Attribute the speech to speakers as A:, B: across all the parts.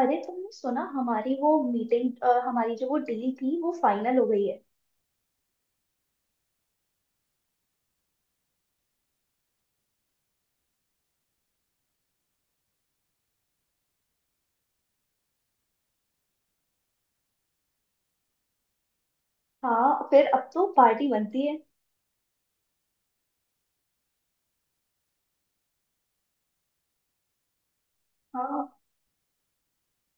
A: अरे तुमने सुना हमारी वो मीटिंग। हमारी जो वो डील थी वो फाइनल हो गई है। हाँ, फिर अब तो पार्टी बनती है। हाँ,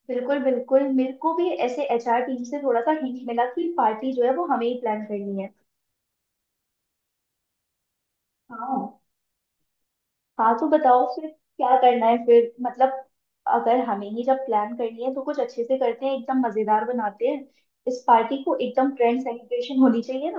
A: बिल्कुल बिल्कुल, मेरे को भी ऐसे एचआर टीम से थोड़ा सा हिंट मिला कि पार्टी जो है वो हमें ही प्लान करनी है। हाँ, हाँ तो बताओ फिर क्या करना है फिर, मतलब अगर हमें ही जब प्लान करनी है तो कुछ अच्छे से करते हैं, एकदम मजेदार बनाते हैं इस पार्टी को, एकदम ग्रैंड सेलिब्रेशन होनी चाहिए।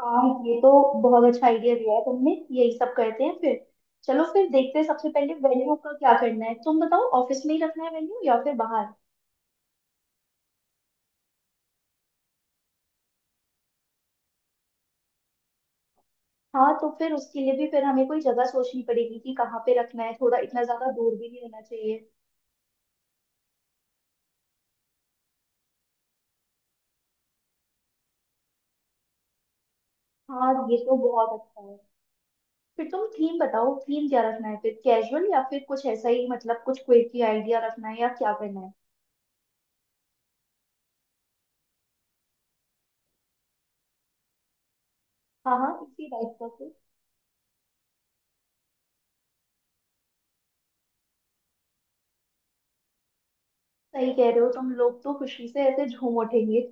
A: हाँ, ये तो बहुत अच्छा आइडिया दिया है तुमने। यही सब करते हैं फिर। चलो फिर देखते हैं, सबसे पहले वेन्यू का क्या करना है, तुम बताओ, ऑफिस में ही रखना है वेन्यू या फिर बाहर। हाँ, तो फिर उसके लिए भी फिर हमें कोई जगह सोचनी पड़ेगी कि कहाँ पे रखना है, थोड़ा इतना ज्यादा दूर भी नहीं होना चाहिए। हाँ, ये तो बहुत अच्छा है। फिर तुम थीम बताओ, थीम क्या रखना है फिर, कैजुअल या फिर कुछ ऐसा ही, मतलब कुछ क्विकी आइडिया रखना है या क्या करना है। हाँ हाँ, इसी टाइप का कुछ। सही कह रहे हो, तुम लोग तो खुशी से ऐसे झूम उठेंगे।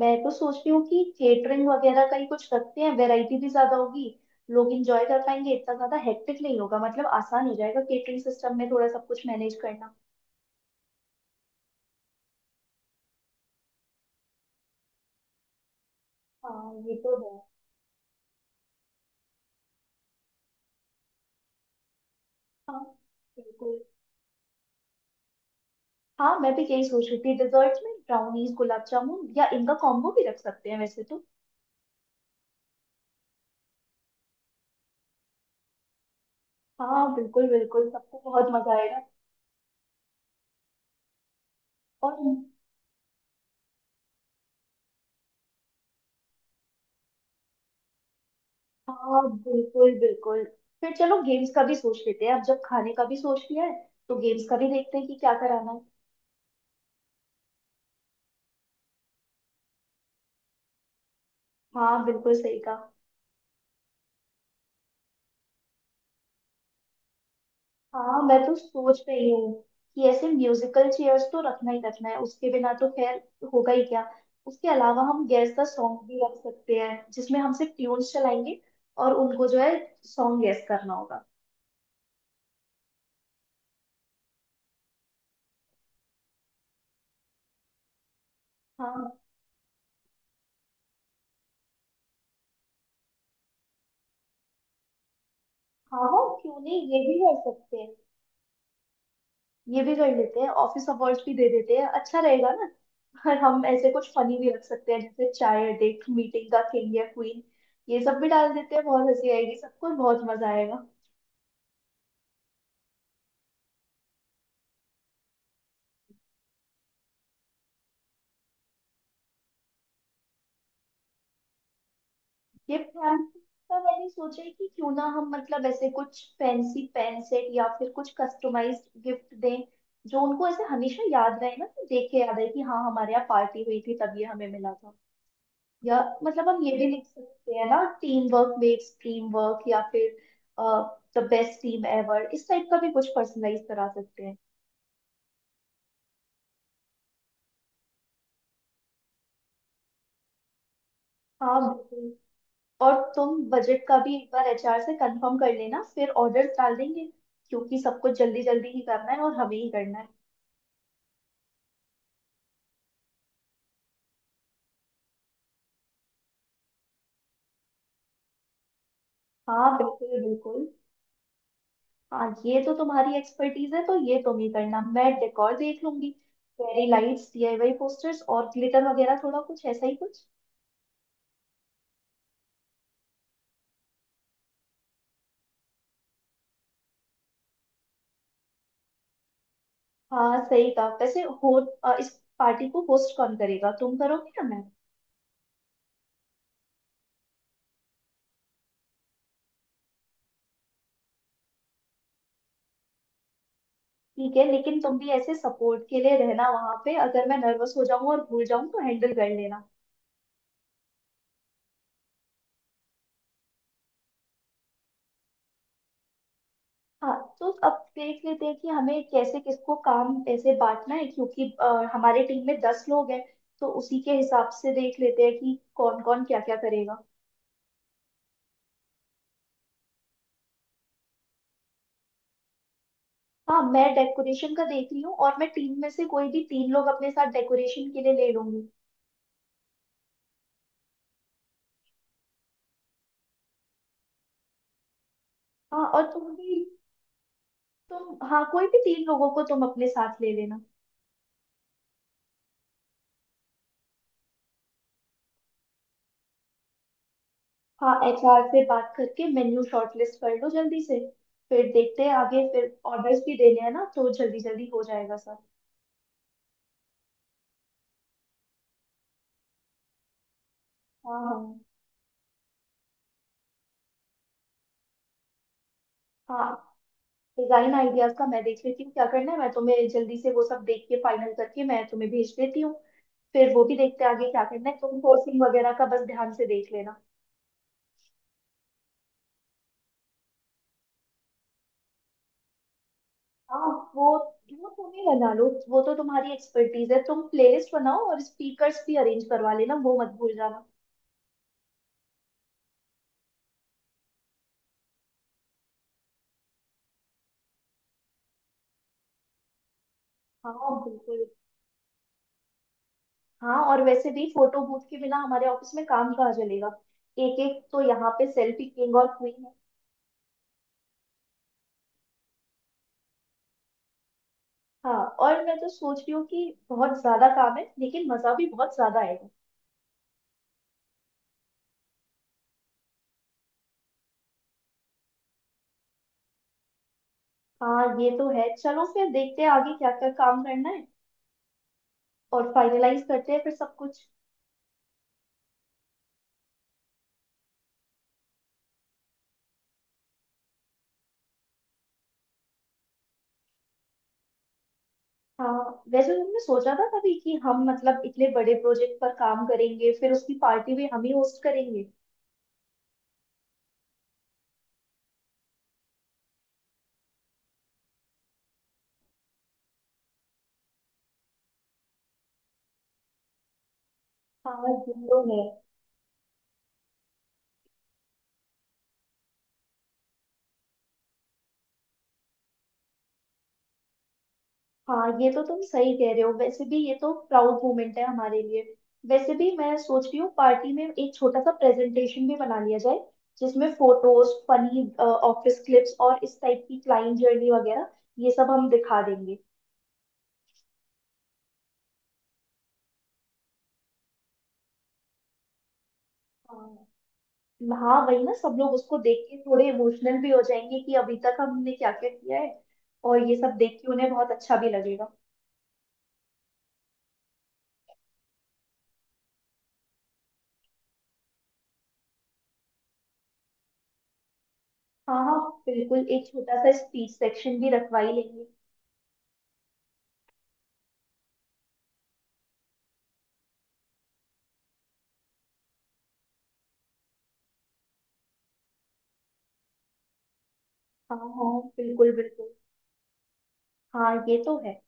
A: मैं तो सोच रही हूँ कि केटरिंग वगैरह का ही कुछ रखते हैं, वैरायटी भी ज्यादा होगी, लोग इंजॉय कर पाएंगे, इतना ज्यादा हेक्टिक नहीं होगा, मतलब आसान हो जाएगा केटरिंग सिस्टम में, थोड़ा सब कुछ मैनेज करना। हाँ ये तो है। हाँ बिल्कुल। हाँ, मैं भी यही सोच रही थी, डिजर्ट्स में ब्राउनीज गुलाब जामुन या इनका कॉम्बो भी रख सकते हैं वैसे तो। हाँ बिल्कुल बिल्कुल, सबको बहुत मजा आएगा। और हाँ, बिल्कुल बिल्कुल। फिर चलो गेम्स का भी सोच लेते हैं, अब जब खाने का भी सोच लिया है तो गेम्स का भी देखते हैं कि क्या कराना है। हाँ बिल्कुल, सही कहा। हाँ, मैं तो सोच रही हूँ कि ऐसे म्यूजिकल चेयर्स तो रखना ही रखना है, उसके बिना तो खैर होगा ही क्या। उसके अलावा हम गैस का सॉन्ग भी रख सकते हैं, जिसमें हम सिर्फ ट्यून्स चलाएंगे और उनको जो है सॉन्ग गैस करना होगा। हाँ हाँ हाँ, क्यों नहीं, ये भी कर सकते हैं। ये भी कर लेते हैं, ऑफिस अवार्ड्स भी दे देते हैं, अच्छा रहेगा ना। और हम ऐसे कुछ फनी भी रख सकते हैं, जैसे चाय अड्डे मीटिंग का किंग या क्वीन। ये सब भी डाल देते हैं, बहुत हंसी आएगी, सबको बहुत मजा आएगा। गिफ्ट हैम्पर का मैंने सोचा है कि क्यों ना हम, मतलब ऐसे कुछ फैंसी पेन सेट या फिर कुछ कस्टमाइज्ड गिफ्ट दें, जो उनको ऐसे हमेशा याद रहे ना, कि देख के याद है कि हाँ हमारे यहाँ पार्टी हुई थी तब ये हमें मिला था, या मतलब हम ये भी लिख सकते हैं ना, team work makes dream work, या फिर द बेस्ट टीम एवर, इस टाइप का भी कुछ पर्सनलाइज करा सकते हैं। हाँ बिल्कुल। और तुम बजट का भी एक बार एचआर से कंफर्म कर लेना, फिर ऑर्डर्स डाल देंगे, क्योंकि सब कुछ जल्दी जल्दी ही करना है और हमें ही करना है। हाँ बिल्कुल बिल्कुल। हाँ, ये तो तुम्हारी एक्सपर्टीज है, तो ये तुम ही करना, मैं डेकोर देख लूंगी। फेरी लाइट्स, डीआईवाई पोस्टर्स और ग्लिटर वगैरह, थोड़ा कुछ ऐसा ही कुछ। हाँ सही कहा। वैसे हो, इस पार्टी को होस्ट कौन करेगा, तुम करोगे या मैं। ठीक है, लेकिन तुम भी ऐसे सपोर्ट के लिए रहना वहां पे, अगर मैं नर्वस हो जाऊं और भूल जाऊं तो हैंडल कर लेना। हाँ तो अब देख लेते हैं कि हमें कैसे किसको काम ऐसे बांटना है, क्योंकि हमारे टीम में 10 लोग हैं, तो उसी के हिसाब से देख लेते हैं कि कौन कौन क्या क्या करेगा। हाँ, मैं डेकोरेशन का देख रही हूँ और मैं टीम में से कोई भी तीन लोग अपने साथ डेकोरेशन के लिए ले लूंगी। हाँ, और तुम भी, तुम हाँ, कोई भी तीन लोगों को तुम अपने साथ ले लेना। हाँ, एचआर से बात करके मेन्यू शॉर्टलिस्ट कर लो जल्दी से, फिर देखते हैं आगे, फिर ऑर्डर्स भी देने हैं ना, तो जल्दी जल्दी हो जाएगा सब। हाँ हाँ हाँ, डिजाइन आइडियाज का मैं देख लेती हूँ क्या करना है, मैं तुम्हें जल्दी से वो सब देख के फाइनल करके मैं तुम्हें भेज देती हूँ। फिर वो भी देखते हैं आगे क्या करना है, तुम सोर्सिंग वगैरह का बस ध्यान से देख लेना। हाँ, वो वो तुम ही बना लो, वो तो तुम्हारी एक्सपर्टीज है, तुम प्लेलिस्ट बनाओ और स्पीकर्स भी अरेंज करवा लेना, वो मत भूल जाना। हाँ बिल्कुल। हाँ, और वैसे भी फोटो बूथ के बिना हमारे ऑफिस में काम कहाँ चलेगा, एक एक तो यहाँ पे सेल्फी किंग और क्वीन है। हाँ, और मैं तो सोच रही हूँ कि बहुत ज्यादा काम है, लेकिन मजा भी बहुत ज्यादा आएगा। हाँ ये तो है, चलो फिर देखते हैं आगे क्या क्या काम करना है और फाइनलाइज करते हैं फिर सब कुछ। हाँ, वैसे तुमने सोचा था कभी कि हम, मतलब इतने बड़े प्रोजेक्ट पर काम करेंगे फिर उसकी पार्टी भी हम ही होस्ट करेंगे। हाँ ये तो है। हाँ, ये तो तुम सही कह रहे हो, वैसे भी ये तो प्राउड मोमेंट है हमारे लिए। वैसे भी मैं सोच रही हूँ, पार्टी में एक छोटा सा प्रेजेंटेशन भी बना लिया जाए, जिसमें फोटोज, फनी ऑफिस क्लिप्स और इस टाइप की क्लाइंट जर्नी वगैरह, ये सब हम दिखा देंगे। हाँ हाँ, वही ना, सब लोग उसको देख के थोड़े इमोशनल भी हो जाएंगे कि अभी तक हमने क्या क्या किया है, और ये सब देख के उन्हें बहुत अच्छा भी लगेगा। हाँ हाँ, बिल्कुल, एक छोटा सा स्पीच सेक्शन भी रखवा ही लेंगे। हाँ हाँ बिल्कुल बिल्कुल। हाँ ये तो है।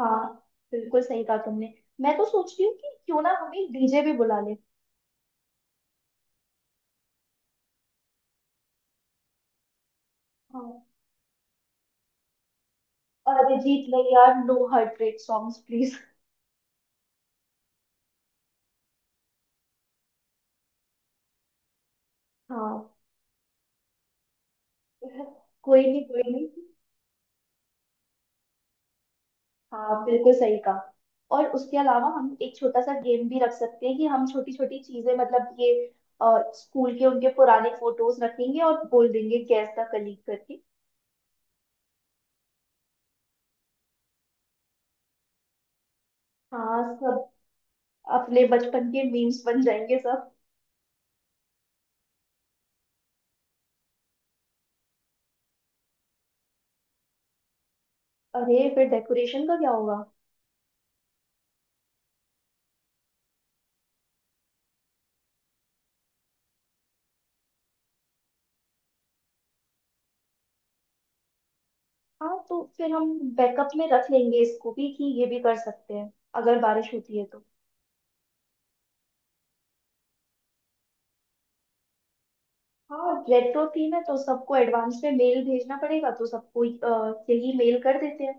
A: हाँ, बिल्कुल सही कहा तुमने। मैं तो सोच रही हूँ कि क्यों ना हम एक डीजे भी बुला लें। हाँ, अरिजीत ने यार, no heartbreak songs please. हाँ कोई नहीं कोई नहीं। हाँ बिल्कुल सही कहा। और उसके अलावा हम एक छोटा सा गेम भी रख सकते हैं, कि हम छोटी छोटी चीजें, मतलब ये स्कूल के उनके पुराने फोटोज रखेंगे और बोल देंगे गैस का कलीग करके। हाँ, सब अपने बचपन के मीम्स बन जाएंगे सब। अरे फिर डेकोरेशन का क्या होगा। हाँ, तो फिर हम बैकअप में रख लेंगे इसको भी, कि ये भी कर सकते हैं अगर बारिश होती है तो। हाँ, रेट्रो थीम है तो सबको एडवांस में मेल भेजना पड़ेगा, तो सबको यही मेल कर देते हैं।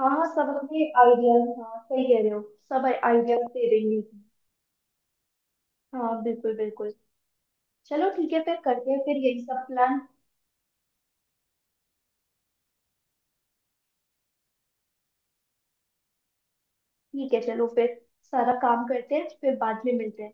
A: हाँ हाँ, सब अपने आइडियाज, हाँ सही कह रहे हो, सब आइडियाज दे देंगे। हाँ बिल्कुल बिल्कुल। चलो ठीक है, फिर करते हैं फिर यही सब प्लान। ठीक है चलो फिर, सारा काम करते हैं, फिर बाद में मिलते हैं।